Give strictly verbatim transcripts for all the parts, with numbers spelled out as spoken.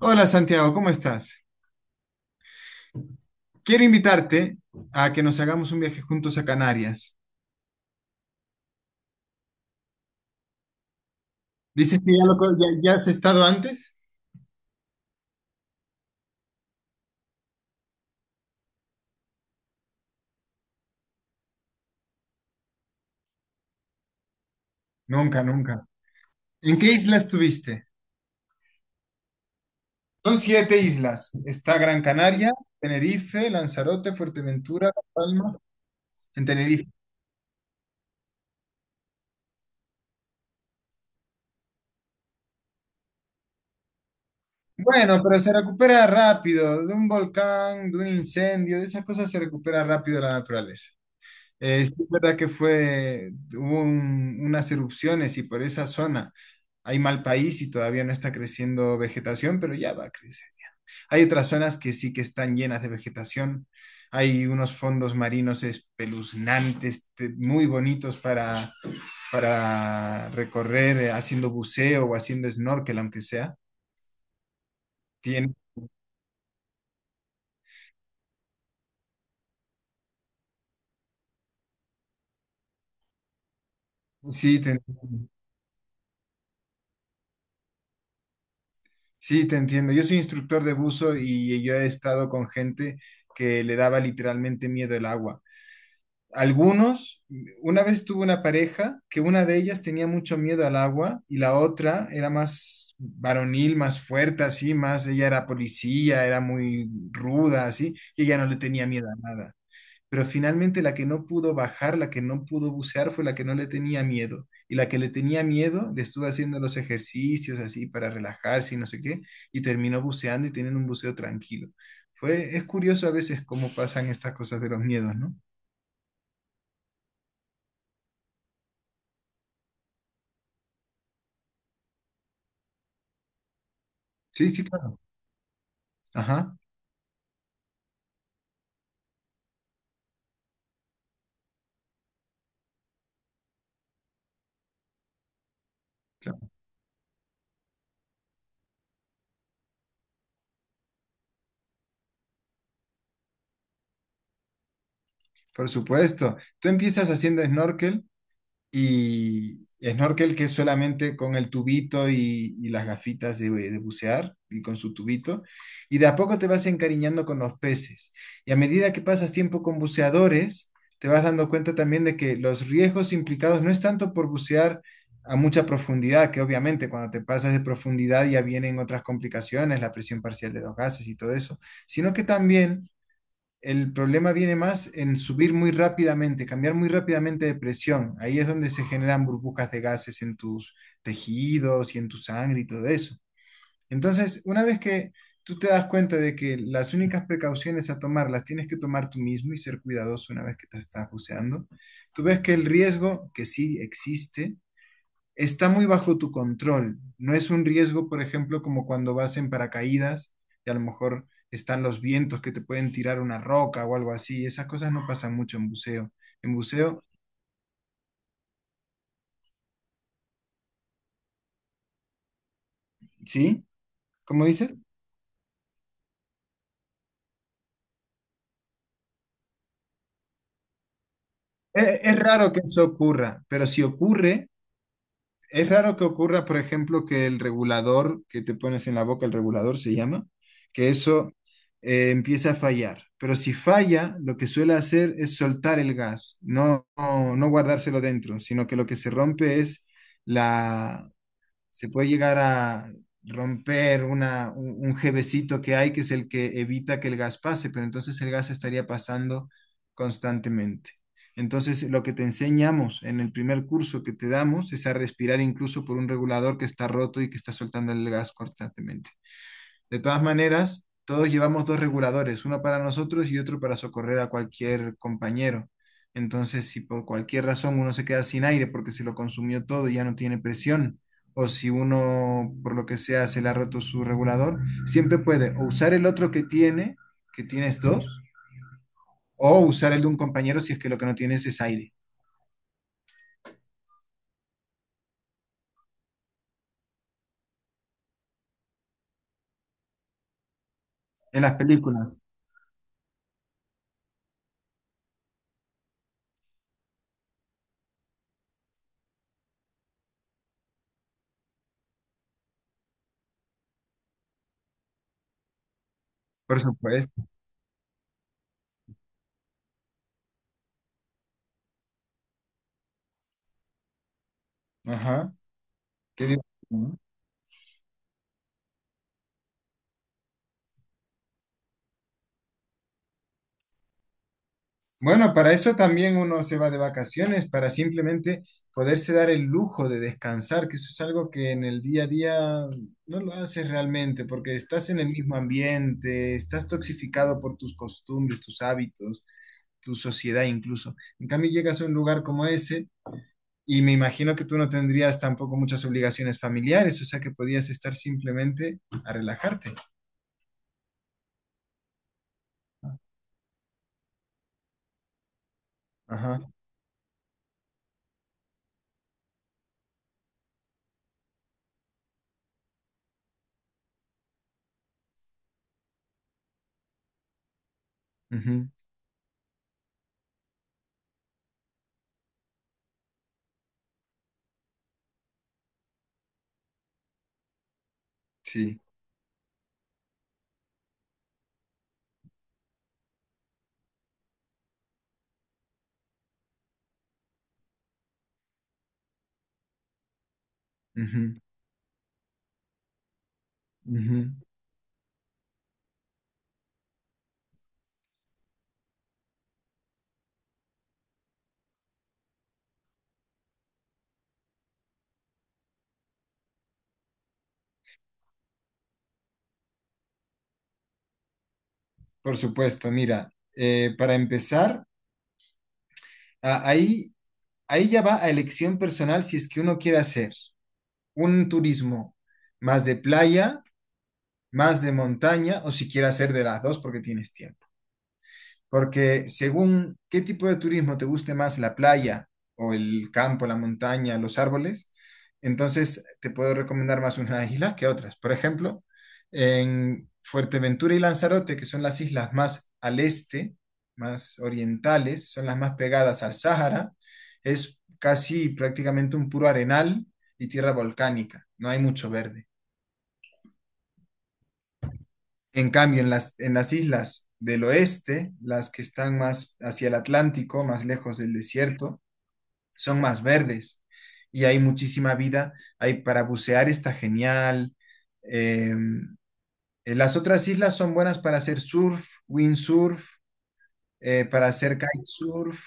Hola Santiago, ¿cómo estás? Quiero invitarte a que nos hagamos un viaje juntos a Canarias. ¿Dices que ya, lo, co- ya, ya has estado antes? Nunca, nunca. ¿En qué isla estuviste? Son siete islas. Está Gran Canaria, Tenerife, Lanzarote, Fuerteventura, La Palma, en Tenerife. Bueno, pero se recupera rápido de un volcán, de un incendio, de esas cosas se recupera rápido la naturaleza. Eh, sí, es verdad que fue, hubo un- unas erupciones y por esa zona hay mal país y todavía no está creciendo vegetación, pero ya va a crecer. Hay otras zonas que sí que están llenas de vegetación. Hay unos fondos marinos espeluznantes, te- muy bonitos para, para recorrer eh, haciendo buceo o haciendo snorkel, aunque sea. Tiene, sí, te, sí, te entiendo. Yo soy instructor de buzo y yo he estado con gente que le daba literalmente miedo el agua. Algunos, una vez tuve una pareja que una de ellas tenía mucho miedo al agua y la otra era más varonil, más fuerte, así, más, ella era policía, era muy ruda, así, y ella no le tenía miedo a nada. Pero finalmente la que no pudo bajar, la que no pudo bucear, fue la que no le tenía miedo. Y la que le tenía miedo le estuvo haciendo los ejercicios así para relajarse y no sé qué, y terminó buceando y teniendo un buceo tranquilo. Fue, es curioso a veces cómo pasan estas cosas de los miedos, ¿no? Sí, sí, claro. Ajá, claro, por supuesto. Tú empiezas haciendo snorkel y snorkel que es solamente con el tubito y, y las gafitas de, de bucear y con su tubito. Y de a poco te vas encariñando con los peces. Y a medida que pasas tiempo con buceadores, te vas dando cuenta también de que los riesgos implicados no es tanto por bucear a mucha profundidad, que obviamente cuando te pasas de profundidad ya vienen otras complicaciones, la presión parcial de los gases y todo eso, sino que también el problema viene más en subir muy rápidamente, cambiar muy rápidamente de presión. Ahí es donde se generan burbujas de gases en tus tejidos y en tu sangre y todo eso. Entonces, una vez que tú te das cuenta de que las únicas precauciones a tomar las tienes que tomar tú mismo y ser cuidadoso una vez que te estás buceando, tú ves que el riesgo que sí existe está muy bajo tu control. No es un riesgo, por ejemplo, como cuando vas en paracaídas y a lo mejor están los vientos que te pueden tirar una roca o algo así. Esas cosas no pasan mucho en buceo. En buceo, ¿sí? ¿Cómo dices? E- Es, raro que eso ocurra, pero si ocurre, es raro que ocurra, por ejemplo, que el regulador que te pones en la boca, el regulador se llama, que eso eh, empiece a fallar. Pero si falla, lo que suele hacer es soltar el gas, no, no, no guardárselo dentro, sino que lo que se rompe es la, se puede llegar a romper una, un, un jevecito que hay, que es el que evita que el gas pase, pero entonces el gas estaría pasando constantemente. Entonces, lo que te enseñamos en el primer curso que te damos es a respirar incluso por un regulador que está roto y que está soltando el gas constantemente. De todas maneras, todos llevamos dos reguladores, uno para nosotros y otro para socorrer a cualquier compañero. Entonces, si por cualquier razón uno se queda sin aire porque se lo consumió todo y ya no tiene presión, o si uno, por lo que sea, se le ha roto su regulador, siempre puede o usar el otro que tiene, que tienes dos, o usar el de un compañero si es que lo que no tienes es aire. En las películas, por supuesto. Ajá. Qué bien. Bueno, para eso también uno se va de vacaciones, para simplemente poderse dar el lujo de descansar, que eso es algo que en el día a día no lo haces realmente, porque estás en el mismo ambiente, estás toxificado por tus costumbres, tus hábitos, tu sociedad incluso. En cambio, llegas a un lugar como ese y me imagino que tú no tendrías tampoco muchas obligaciones familiares, o sea que podías estar simplemente a relajarte. Ajá, ujú, sí. Ujú, ujú. Por supuesto, mira, eh, para empezar, a- ahí, ahí ya va a elección personal si es que uno quiere hacer un turismo más de playa, más de montaña o si quiere hacer de las dos porque tienes tiempo. Porque según qué tipo de turismo te guste más, la playa o el campo, la montaña, los árboles, entonces te puedo recomendar más unas islas que otras. Por ejemplo, en Fuerteventura y Lanzarote, que son las islas más al este, más orientales, son las más pegadas al Sáhara, es casi prácticamente un puro arenal y tierra volcánica, no hay mucho verde. En cambio, en las, en las islas del oeste, las que están más hacia el Atlántico, más lejos del desierto, son más verdes y hay muchísima vida. Hay para bucear está genial. Eh, eh, las otras islas son buenas para hacer surf, windsurf, eh, para hacer kitesurf.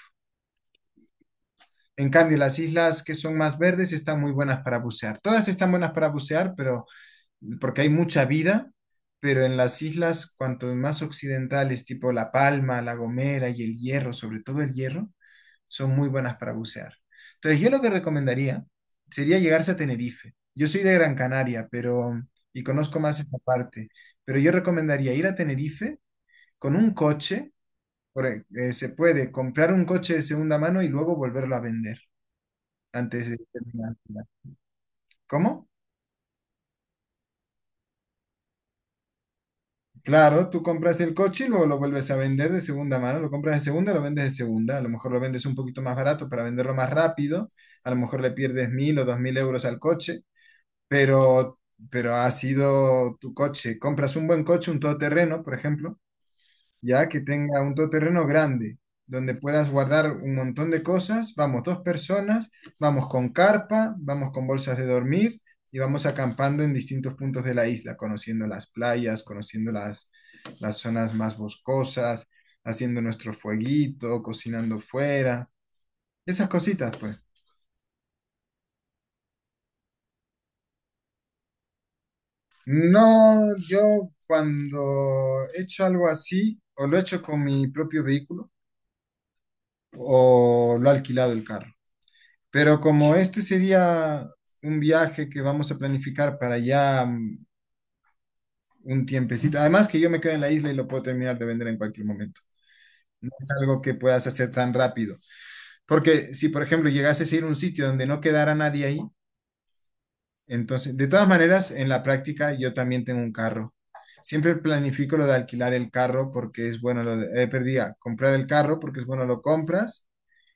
En cambio, las islas que son más verdes están muy buenas para bucear. Todas están buenas para bucear, pero porque hay mucha vida, pero en las islas, cuanto más occidentales, tipo La Palma, La Gomera y el Hierro, sobre todo el Hierro, son muy buenas para bucear. Entonces, yo lo que recomendaría sería llegarse a Tenerife. Yo soy de Gran Canaria, pero y conozco más esa parte, pero yo recomendaría ir a Tenerife con un coche, por, e- eh, se puede comprar un coche de segunda mano y luego volverlo a vender antes de terminar. ¿Cómo? Claro, tú compras el coche y luego lo vuelves a vender de segunda mano, lo compras de segunda, lo vendes de segunda, a lo mejor lo vendes un poquito más barato para venderlo más rápido, a lo mejor le pierdes mil o dos mil euros al coche, pero, pero ha sido tu coche. Compras un buen coche, un todoterreno, por ejemplo, ya que tenga un todoterreno grande, donde puedas guardar un montón de cosas. Vamos dos personas, vamos con carpa, vamos con bolsas de dormir y vamos acampando en distintos puntos de la isla, conociendo las playas, conociendo las, las zonas más boscosas, haciendo nuestro fueguito, cocinando fuera, esas cositas, pues. No, yo cuando he hecho algo así, o lo he hecho con mi propio vehículo, o lo he alquilado el carro. Pero como este sería un viaje que vamos a planificar para ya mm, un tiempecito, además que yo me quedo en la isla y lo puedo terminar de vender en cualquier momento. No es algo que puedas hacer tan rápido. Porque si, por ejemplo, llegases a ir a un sitio donde no quedara nadie ahí, entonces, de todas maneras, en la práctica yo también tengo un carro. Siempre planifico lo de alquilar el carro porque es bueno, lo de, eh, perdía, comprar el carro porque es bueno, lo compras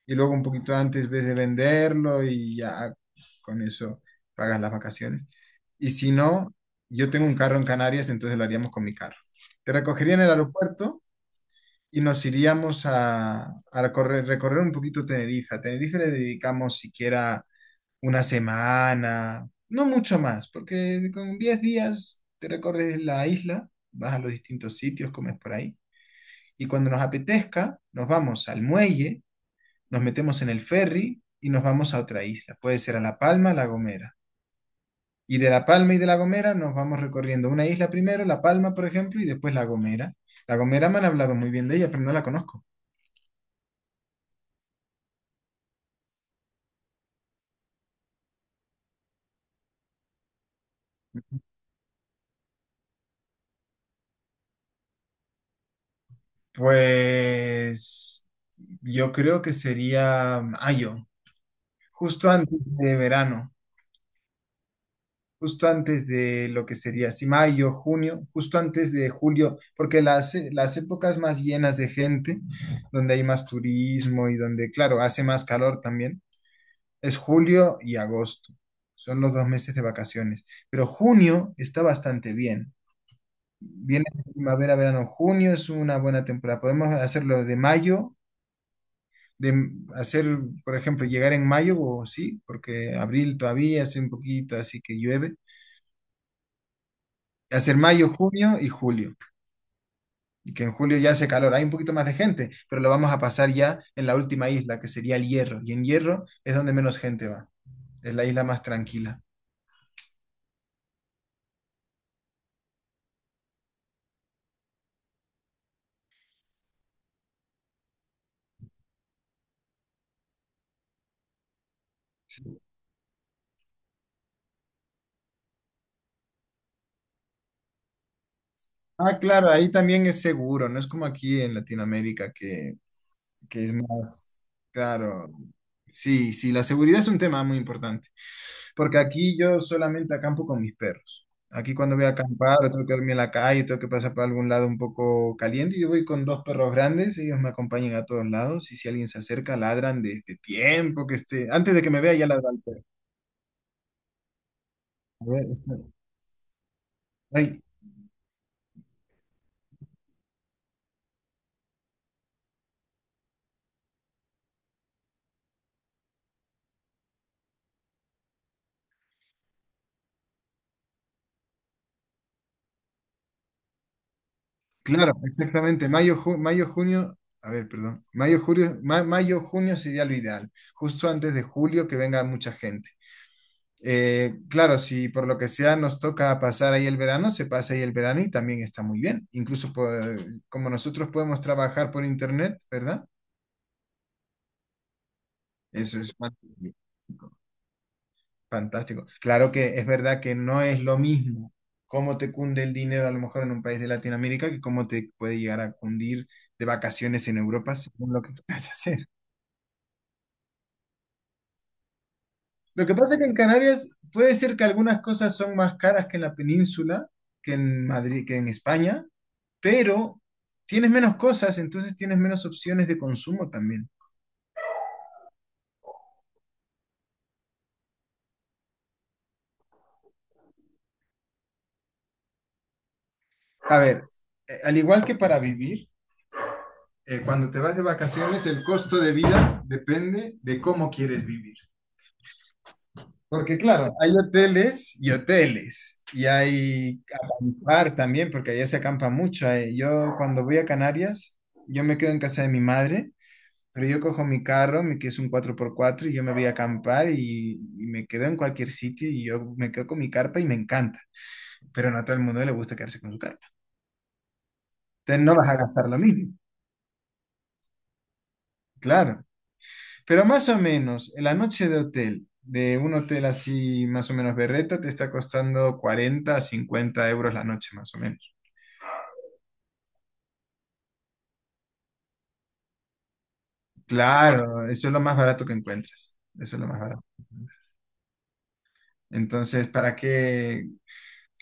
y luego un poquito antes ves de venderlo y ya con eso pagas las vacaciones. Y si no, yo tengo un carro en Canarias, entonces lo haríamos con mi carro. Te recogería en el aeropuerto y nos iríamos a, a, recorrer, recorrer un poquito Tenerife. A Tenerife le dedicamos siquiera una semana, no mucho más, porque con diez días te recorres la isla, vas a los distintos sitios, comes por ahí. Y cuando nos apetezca, nos vamos al muelle, nos metemos en el ferry y nos vamos a otra isla. Puede ser a La Palma, La Gomera. Y de La Palma y de La Gomera nos vamos recorriendo una isla primero, La Palma, por ejemplo, y después La Gomera. La Gomera me han hablado muy bien de ella, pero no la conozco. Pues yo creo que sería mayo, justo antes de verano, justo antes de lo que sería, si mayo, junio, justo antes de julio, porque las, las épocas más llenas de gente, donde hay más turismo y donde, claro, hace más calor también es julio y agosto. Son los dos meses de vacaciones. Pero junio está bastante bien. Viene primavera, verano, junio es una buena temporada. Podemos hacerlo de mayo, de hacer, por ejemplo, llegar en mayo, o sí, porque abril todavía hace un poquito, así que llueve. Hacer mayo, junio y julio. Y que en julio ya hace calor. Hay un poquito más de gente, pero lo vamos a pasar ya en la última isla, que sería el Hierro. Y en Hierro es donde menos gente va. Es la isla más tranquila. Ah, claro, ahí también es seguro, no es como aquí en Latinoamérica que, que, es más, claro. Sí, sí, la seguridad es un tema muy importante, porque aquí yo solamente acampo con mis perros. Aquí cuando voy a acampar, o tengo que dormir en la calle, tengo que pasar por algún lado un poco caliente, yo voy con dos perros grandes, ellos me acompañan a todos lados y si alguien se acerca, ladran desde tiempo que esté, antes de que me vea ya ladra el perro. A ver, está- ay, claro, exactamente. Mayo, ju- mayo, junio, a ver, perdón. Mayo, julio, ma- mayo, junio sería lo ideal. Justo antes de julio que venga mucha gente. Eh, claro, si por lo que sea nos toca pasar ahí el verano, se pasa ahí el verano y también está muy bien. Incluso po- como nosotros podemos trabajar por internet, ¿verdad? Eso es, fantástico. Fantástico. Claro que es verdad que no es lo mismo cómo te cunde el dinero a lo mejor en un país de Latinoamérica que cómo te puede llegar a cundir de vacaciones en Europa según lo que quieras hacer. Lo que pasa es que en Canarias puede ser que algunas cosas son más caras que en la península, que en Madrid, que en España, pero tienes menos cosas, entonces tienes menos opciones de consumo también. A ver, eh, al igual que para vivir, eh, cuando te vas de vacaciones, el costo de vida depende de cómo quieres vivir. Porque claro, hay hoteles y hoteles, y hay acampar también, porque allá se acampa mucho ahí. Yo cuando voy a Canarias, yo me quedo en casa de mi madre, pero yo cojo mi carro, mi- que es un cuatro por cuatro y yo me voy a acampar y, y me quedo en cualquier sitio y yo me quedo con mi carpa y me encanta. Pero no a todo el mundo le gusta quedarse con su carpa. Entonces no vas a gastar lo mismo, claro. Pero más o menos, en la noche de hotel, de un hotel así más o menos berreta, te está costando cuarenta a cincuenta euros la noche más o menos. Claro, eso es lo más barato que encuentras. Eso es lo más barato. Entonces, ¿para qué?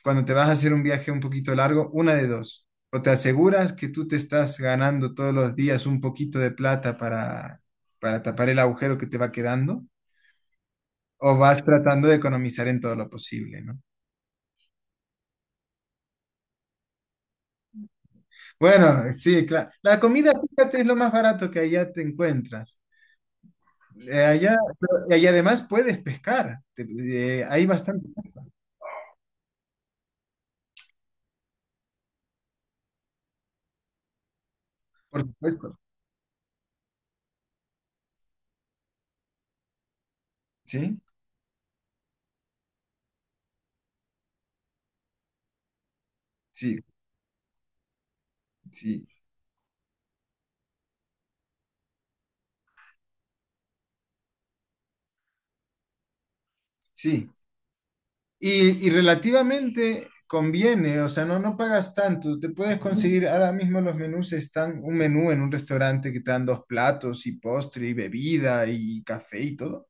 Cuando te vas a hacer un viaje un poquito largo, una de dos. O te aseguras que tú te estás ganando todos los días un poquito de plata para, para tapar el agujero que te va quedando, o vas tratando de economizar en todo lo posible, ¿no? Bueno, sí, claro. La comida, fíjate, es lo más barato que allá te encuentras. Eh, allá, pero- y además puedes pescar. Te- eh, hay bastante, por supuesto. Sí, sí, sí. Sí, y, y relativamente conviene, o sea, no, no pagas tanto, te puedes conseguir, ahora mismo los menús están, un menú en un restaurante que te dan dos platos y postre y bebida y café y todo,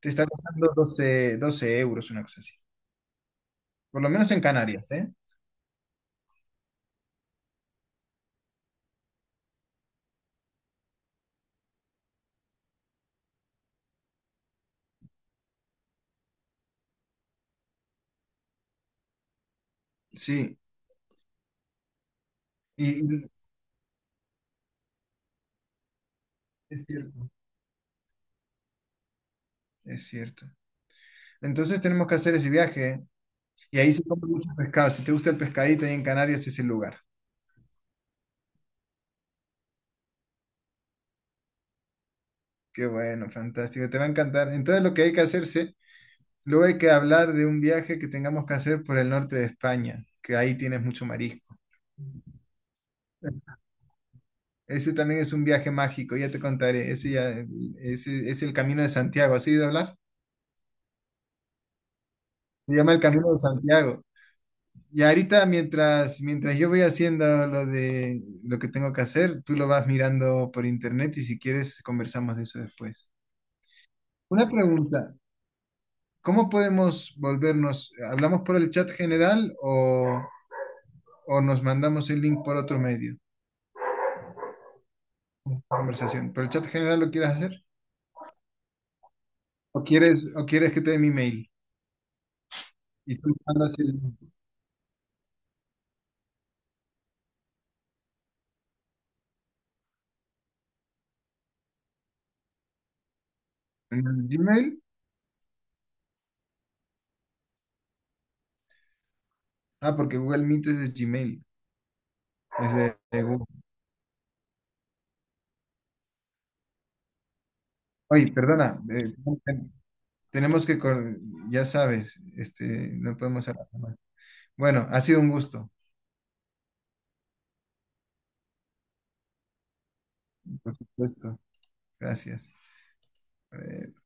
te está costando doce doce euros, una cosa así, por lo menos en Canarias, ¿eh? Sí, y, y es cierto, es cierto. Entonces tenemos que hacer ese viaje y ahí se come mucho pescado, si te gusta el pescadito ahí en Canarias es el lugar. Qué bueno, fantástico, te va a encantar. Entonces lo que hay que hacerse. Luego hay que hablar de un viaje que tengamos que hacer por el norte de España, que ahí tienes mucho marisco. Ese también es un viaje mágico, ya te contaré. Ese, ya, ese es el Camino de Santiago. ¿Has oído hablar? Se llama el Camino de Santiago. Y ahorita, mientras, mientras yo voy haciendo lo de lo que tengo que hacer, tú lo vas mirando por internet y si quieres conversamos de eso después. Una pregunta, ¿cómo podemos volvernos? ¿Hablamos por el chat general o, o nos mandamos el link por otro medio? Conversación. ¿Pero el chat general lo quieres hacer? ¿O quieres, o quieres que te dé mi mail? Y tú mandas el, en el Gmail. Ah, porque Google Meet es de Gmail. Es de, de Google. Oye, perdona. eh, tenemos que, cor- ya sabes, este, no podemos hablar más. Bueno, ha sido un gusto, por supuesto. Gracias. Eh,